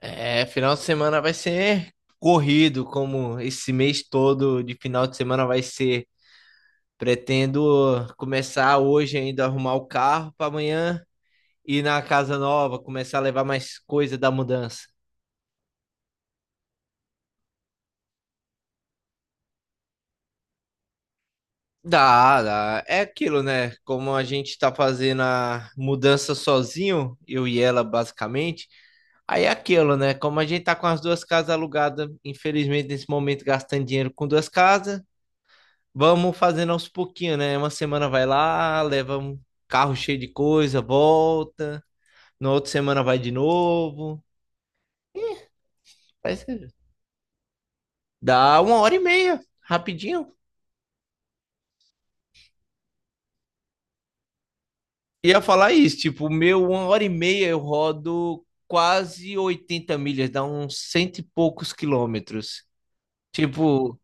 É, final de semana vai ser corrido, como esse mês todo de final de semana vai ser. Pretendo começar hoje ainda a arrumar o carro para amanhã ir na casa nova, começar a levar mais coisa da mudança. Dá, dá. É aquilo, né? Como a gente tá fazendo a mudança sozinho, eu e ela basicamente. Aí é aquilo, né? Como a gente tá com as duas casas alugadas, infelizmente nesse momento gastando dinheiro com duas casas, vamos fazendo aos pouquinhos, né? Uma semana vai lá, leva um carro cheio de coisa, volta. Na outra semana vai de novo. Ih, vai ser- dá uma hora e meia, rapidinho. Ia falar isso, tipo, o meu uma hora e meia eu rodo quase 80 milhas, dá uns cento e poucos quilômetros. Tipo,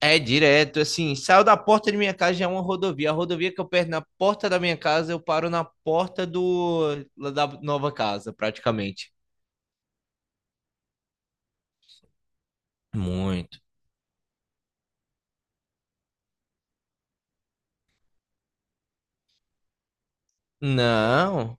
é direto, assim, saio da porta de minha casa já é uma rodovia. A rodovia que eu perco na porta da minha casa, eu paro na porta da nova casa, praticamente. Muito. Não,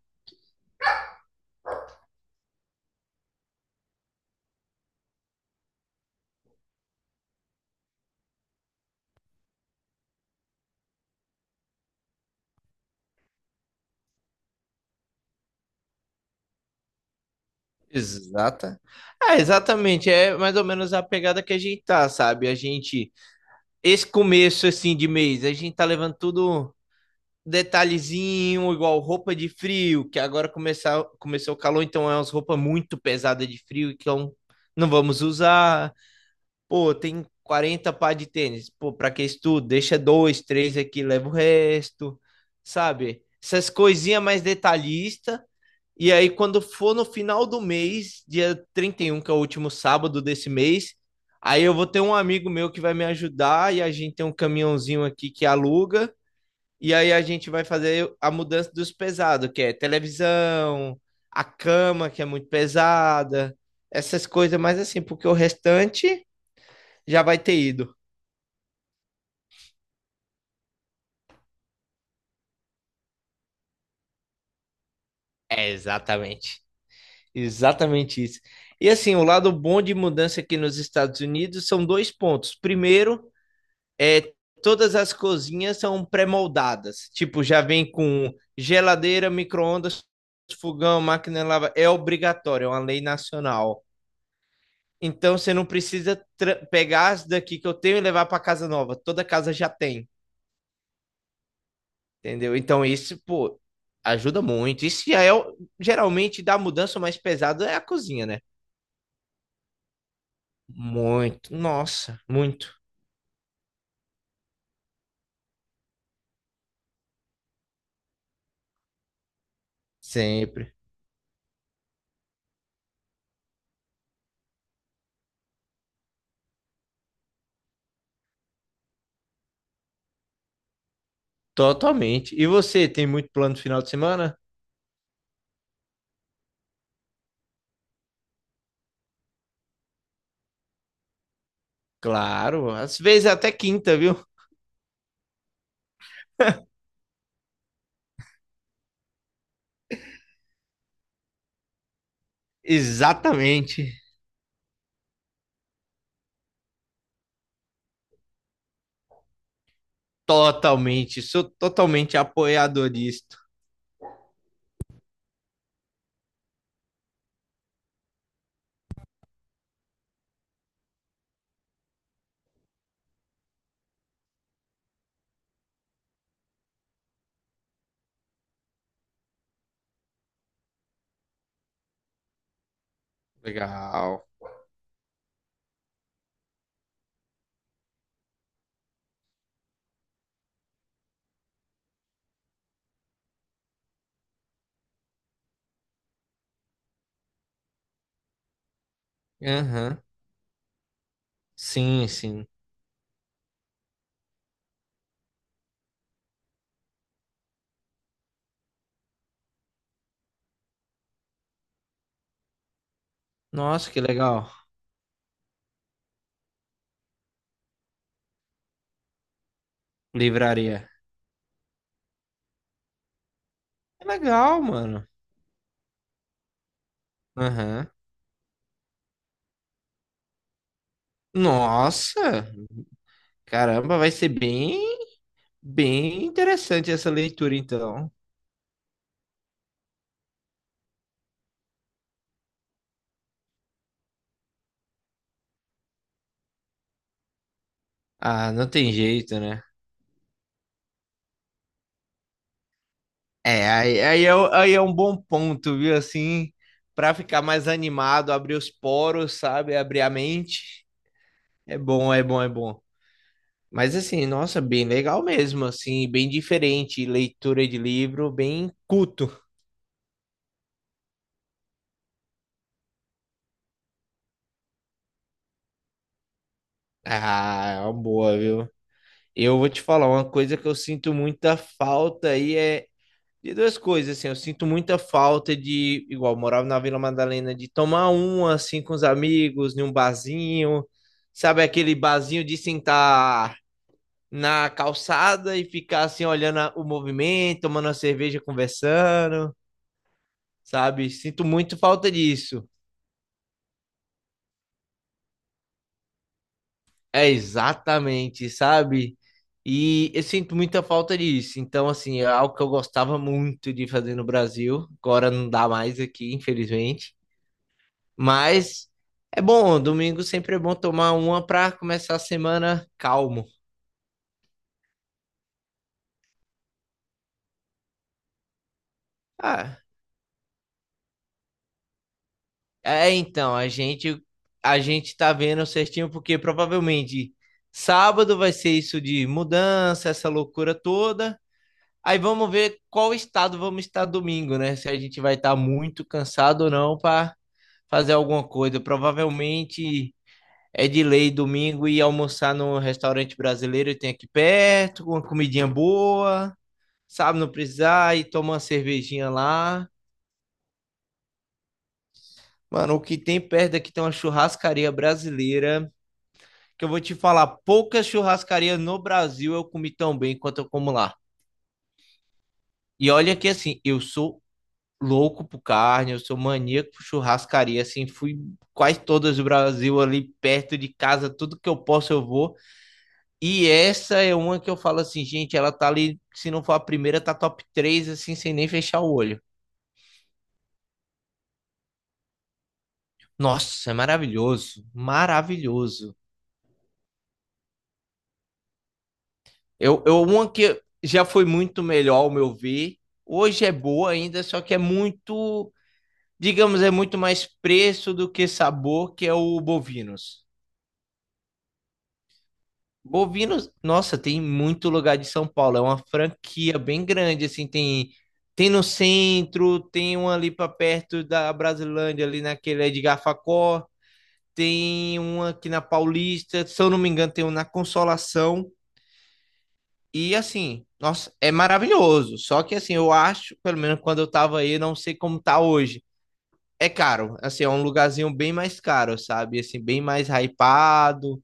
exata. Ah, exatamente, é mais ou menos a pegada que a gente tá, sabe? Esse começo assim de mês, a gente tá levando tudo detalhezinho, igual roupa de frio, que agora começou o calor, então é umas roupas muito pesadas de frio, então não vamos usar. Pô, tem 40 par de tênis, pô, pra que isso tudo? Deixa dois, três aqui, leva o resto, sabe? Essas coisinhas mais detalhistas. E aí, quando for no final do mês, dia 31 que é o último sábado desse mês, aí eu vou ter um amigo meu que vai me ajudar e a gente tem um caminhãozinho aqui que aluga. E aí a gente vai fazer a mudança dos pesados, que é televisão, a cama, que é muito pesada, essas coisas, mas assim, porque o restante já vai ter ido. É, exatamente. Exatamente isso. E assim, o lado bom de mudança aqui nos Estados Unidos são dois pontos. Primeiro, é, todas as cozinhas são pré-moldadas. Tipo, já vem com geladeira, micro-ondas, fogão, máquina de lavar. É obrigatório, é uma lei nacional. Então você não precisa pegar as daqui que eu tenho e levar para casa nova. Toda casa já tem, entendeu? Então isso, pô, ajuda muito. Isso já é geralmente da mudança mais pesada é a cozinha, né? Muito, nossa, muito, sempre, totalmente. E você tem muito plano no final de semana? Claro, às vezes é até quinta, viu? Exatamente. Totalmente. Sou totalmente apoiador disto. Legal. Aham. Sim, sim. Nossa, que legal. Livraria. É legal, mano. Aham. Nossa. Caramba, vai ser bem, bem interessante essa leitura, então. Ah, não tem jeito, né? É, aí, é, aí é um bom ponto, viu? Assim, pra ficar mais animado, abrir os poros, sabe? Abrir a mente. É bom, é bom, é bom. Mas assim, nossa, bem legal mesmo, assim, bem diferente, leitura de livro, bem culto. Ah, é uma boa, viu? Eu vou te falar uma coisa que eu sinto muita falta aí é de duas coisas, assim, eu sinto muita falta de, igual, eu morava na Vila Madalena, de tomar um assim com os amigos, num barzinho, sabe aquele barzinho de sentar na calçada e ficar assim olhando o movimento, tomando uma cerveja, conversando. Sabe? Sinto muito falta disso. É exatamente, sabe? E eu sinto muita falta disso. Então, assim, é algo que eu gostava muito de fazer no Brasil. Agora não dá mais aqui, infelizmente. Mas é bom, domingo sempre é bom tomar uma para começar a semana calmo. Ah, é então, a gente tá vendo certinho porque provavelmente sábado vai ser isso de mudança, essa loucura toda. Aí vamos ver qual estado vamos estar domingo, né? Se a gente vai estar muito cansado ou não para fazer alguma coisa. Provavelmente é de lei domingo ir almoçar no restaurante brasileiro que tem aqui perto, com uma comidinha boa, sabe? Não precisar e tomar uma cervejinha lá. Mano, o que tem perto aqui tem uma churrascaria brasileira, que eu vou te falar, poucas churrascarias no Brasil eu comi tão bem quanto eu como lá. E olha que assim, eu sou louco por carne, eu sou maníaco por churrascaria, assim, fui quase todas do Brasil ali perto de casa, tudo que eu posso eu vou. E essa é uma que eu falo assim, gente, ela tá ali, se não for a primeira, tá top 3 assim, sem nem fechar o olho. Nossa, é maravilhoso, maravilhoso. Eu uma que já foi muito melhor, ao meu ver. Hoje é boa ainda, só que é muito, digamos, é muito mais preço do que sabor, que é o Bovinos. Bovinos, nossa, tem muito lugar de São Paulo. É uma franquia bem grande, assim, tem no centro, tem uma ali para perto da Brasilândia, ali naquele Edgar Facó, tem uma aqui na Paulista, se eu não me engano, tem uma na Consolação. E assim, nossa, é maravilhoso. Só que assim, eu acho, pelo menos quando eu tava aí, não sei como tá hoje. É caro, assim, é um lugarzinho bem mais caro, sabe? Assim, bem mais hypado.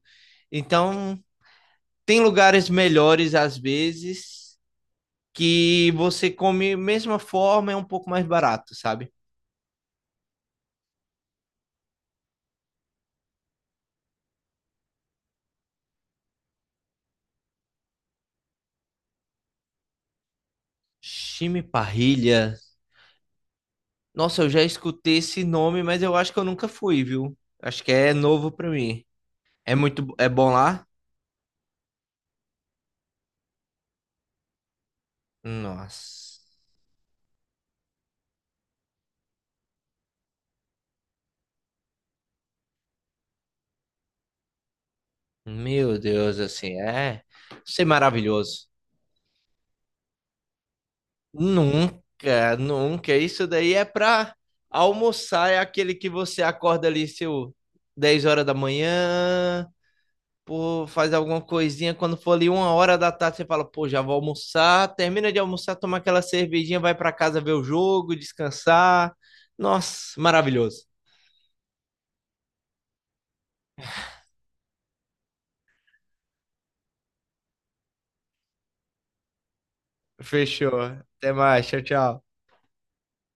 Então, tem lugares melhores às vezes, que você come mesma forma, é um pouco mais barato, sabe? Chimiparrilha. Nossa, eu já escutei esse nome, mas eu acho que eu nunca fui, viu? Acho que é novo pra mim. É muito, é bom lá? Nossa. Meu Deus, assim, é, isso é maravilhoso. Nunca, nunca. Isso daí é pra almoçar, é aquele que você acorda ali seu 10 horas da manhã, pô, faz alguma coisinha. Quando for ali uma hora da tarde, você fala, pô, já vou almoçar. Termina de almoçar, toma aquela cervejinha, vai para casa ver o jogo, descansar. Nossa, maravilhoso. Fechou. Até mais. Tchau, tchau.